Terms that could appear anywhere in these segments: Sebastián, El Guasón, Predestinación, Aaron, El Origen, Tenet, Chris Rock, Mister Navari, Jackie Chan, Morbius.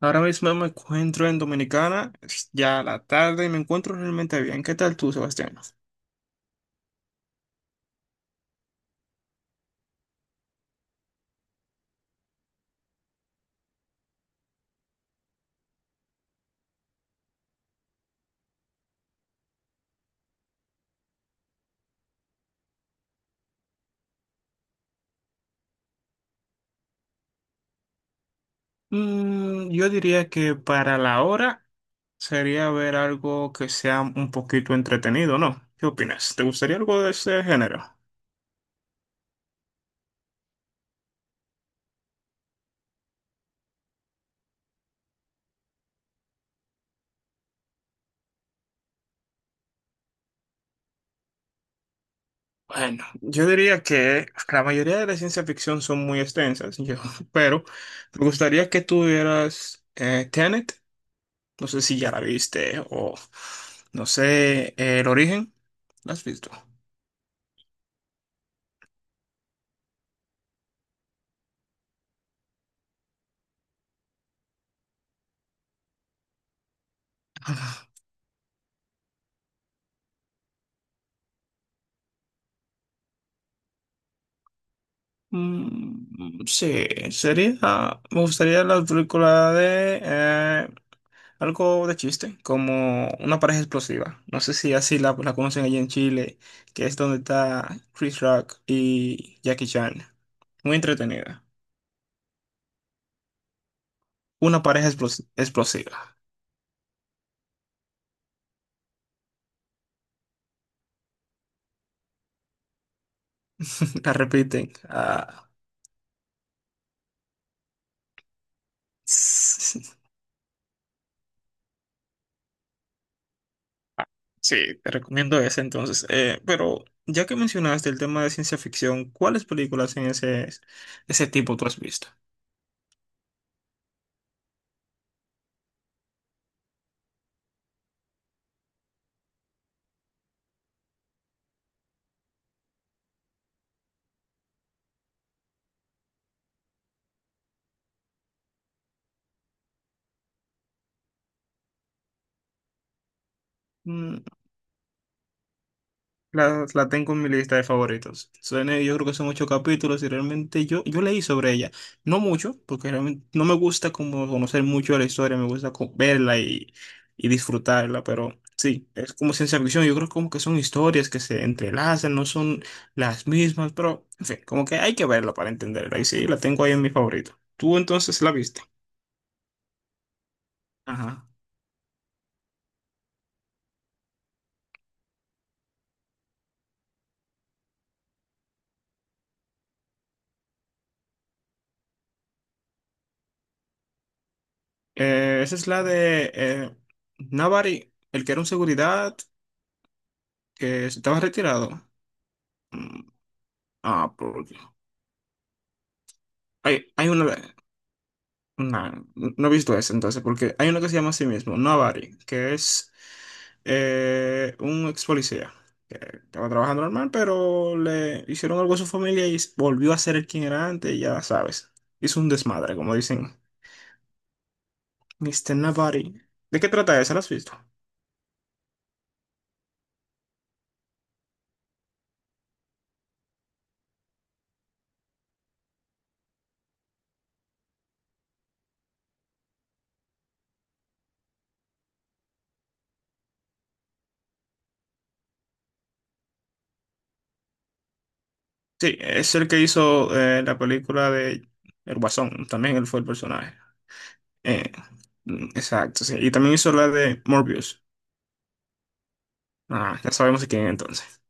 Ahora mismo me encuentro en Dominicana, es ya la tarde y me encuentro realmente bien. ¿Qué tal tú, Sebastián? Yo diría que para la hora sería ver algo que sea un poquito entretenido, ¿no? ¿Qué opinas? ¿Te gustaría algo de ese género? Bueno, yo diría que la mayoría de la ciencia ficción son muy extensas, yo, pero me gustaría que tuvieras Tenet, no sé si ya la viste, o no sé, El Origen, ¿la has visto? Mm, sí, sería. Me gustaría la película de algo de chiste, como una pareja explosiva. No sé si así la conocen allí en Chile, que es donde está Chris Rock y Jackie Chan. Muy entretenida. Una pareja explosiva. La repiten. Ah. Sí, te recomiendo ese entonces. Pero ya que mencionaste el tema de ciencia ficción, ¿cuáles películas en ese tipo tú has visto? Mm, la tengo en mi lista de favoritos. Suene yo creo que son ocho capítulos y realmente yo leí sobre ella. No mucho, porque realmente no me gusta como conocer mucho de la historia, me gusta verla y disfrutarla, pero sí, es como ciencia ficción. Yo creo como que son historias que se entrelazan, no son las mismas, pero en fin, como que hay que verla para entenderla. Y sí, la tengo ahí en mi favorito. ¿Tú entonces la viste? Ajá. Esa es la de Navari, el que era un seguridad que estaba retirado. Mm, Ah, porque hay, hay una, no he visto ese entonces, porque hay uno que se llama a sí mismo, Navari, que es un ex policía que estaba trabajando normal, pero le hicieron algo a su familia y volvió a ser el quien era antes, y ya sabes. Hizo un desmadre, como dicen. Mister Navari. ¿De qué trata esa? ¿La has visto? Sí, es el que hizo la película de El Guasón, también él fue el personaje. Eh, mm, exacto, sí. Y también hizo la de Morbius. Ah, ya sabemos quién es entonces.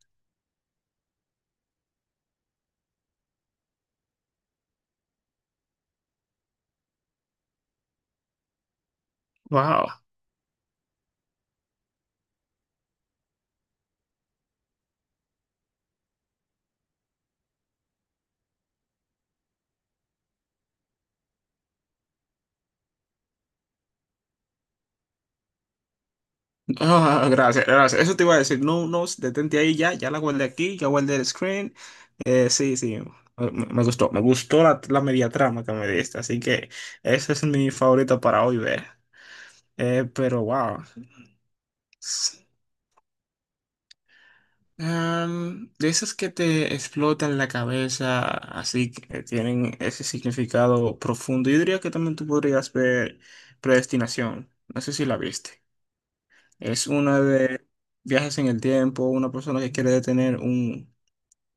Wow. Ah, gracias, gracias. Eso te iba a decir. No, no, detente ahí ya. Ya la guardé aquí, ya guardé el screen. Sí, sí. Me gustó. Me gustó la media trama que me diste. Así que esa es mi favorita para hoy ver. Pero wow. S- de esas que te explotan la cabeza, así que tienen ese significado profundo. Yo diría que también tú podrías ver Predestinación. No sé si la viste. Es una de viajes en el tiempo, una persona que quiere detener un,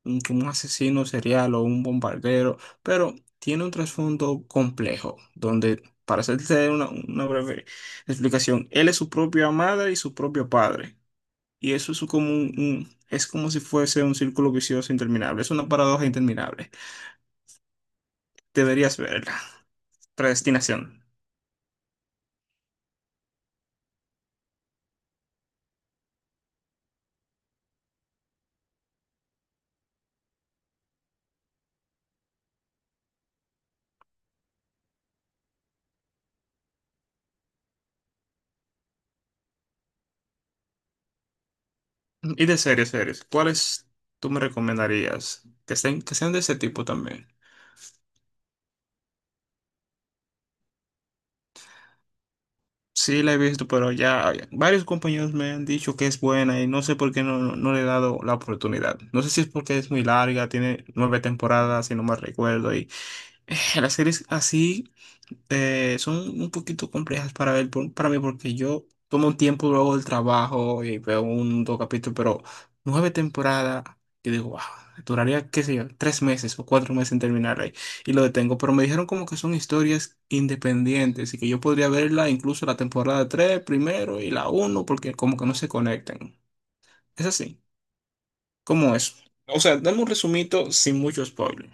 un, como un asesino serial o un bombardero, pero tiene un trasfondo complejo, donde, para hacerte una breve explicación, él es su propia madre y su propio padre. Y eso es como un, es como si fuese un círculo vicioso interminable, es una paradoja interminable. Deberías verla. Predestinación. Y de series, series, ¿cuáles tú me recomendarías? Que estén, que sean de ese tipo también. Sí, la he visto, pero ya varios compañeros me han dicho que es buena y no sé por qué no, no, no le he dado la oportunidad. No sé si es porque es muy larga, tiene nueve temporadas, si no me recuerdo, y las series así son un poquito complejas para ver para mí porque yo tomo un tiempo luego del trabajo y veo un dos capítulos, pero nueve temporadas, yo digo, wow, duraría, qué sé yo, 3 meses o 4 meses en terminar ahí y lo detengo. Pero me dijeron como que son historias independientes y que yo podría verla incluso la temporada 3 primero y la uno, porque como que no se conectan. Es así, como es. O sea, dame un resumito sin mucho spoiler.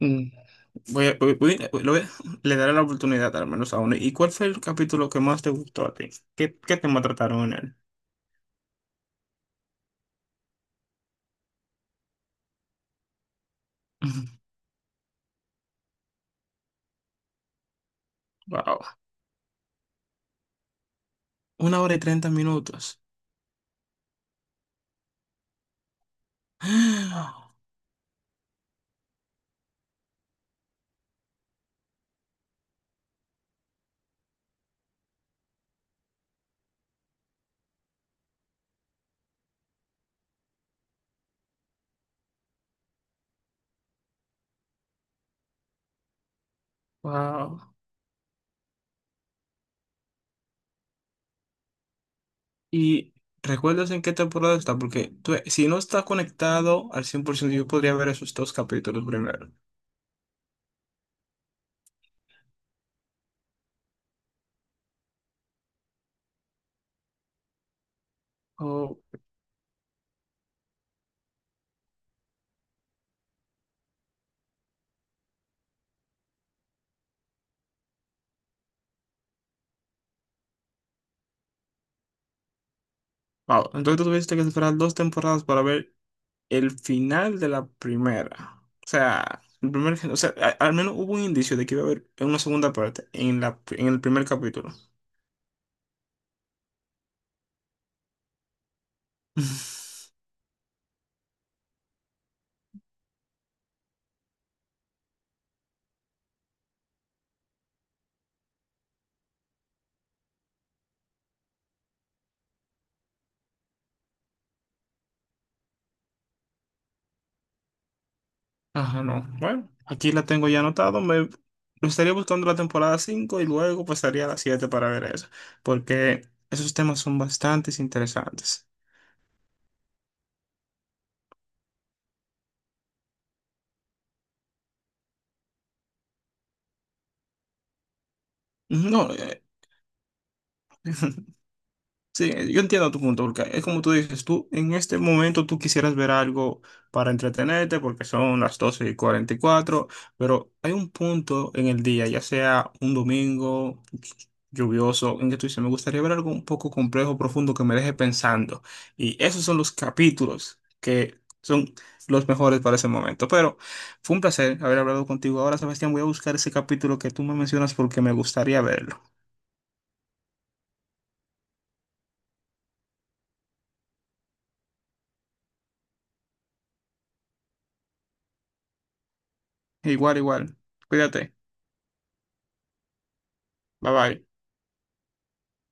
Mm, Voy a- voy- voy- Le daré la oportunidad al menos a uno. ¿Y cuál fue el capítulo que más te gustó a ti? ¿Qué tema trataron en él? Wow. Una hora y 30 minutos. Wow. ¿Y recuerdas en qué temporada está? Porque si no está conectado al 100% yo podría ver esos dos capítulos primero. Oh, wow. Entonces tú tuviste que esperar dos temporadas para ver el final de la primera. O sea, el primer, o sea, al menos hubo un indicio de que iba a haber una segunda parte en en el primer capítulo. Ajá, no. Bueno, aquí la tengo ya anotado. Me estaría buscando la temporada 5 y luego pasaría a la 7 para ver eso, porque esos temas son bastante interesantes. No, sí, yo entiendo tu punto, porque es como tú dices, tú en este momento tú quisieras ver algo para entretenerte, porque son las 12:44, pero hay un punto en el día, ya sea un domingo lluvioso, en que tú dices, me gustaría ver algo un poco complejo, profundo, que me deje pensando. Y esos son los capítulos que son los mejores para ese momento. Pero fue un placer haber hablado contigo. Ahora, Sebastián, voy a buscar ese capítulo que tú me mencionas porque me gustaría verlo. Igual, igual. Cuídate. Bye bye.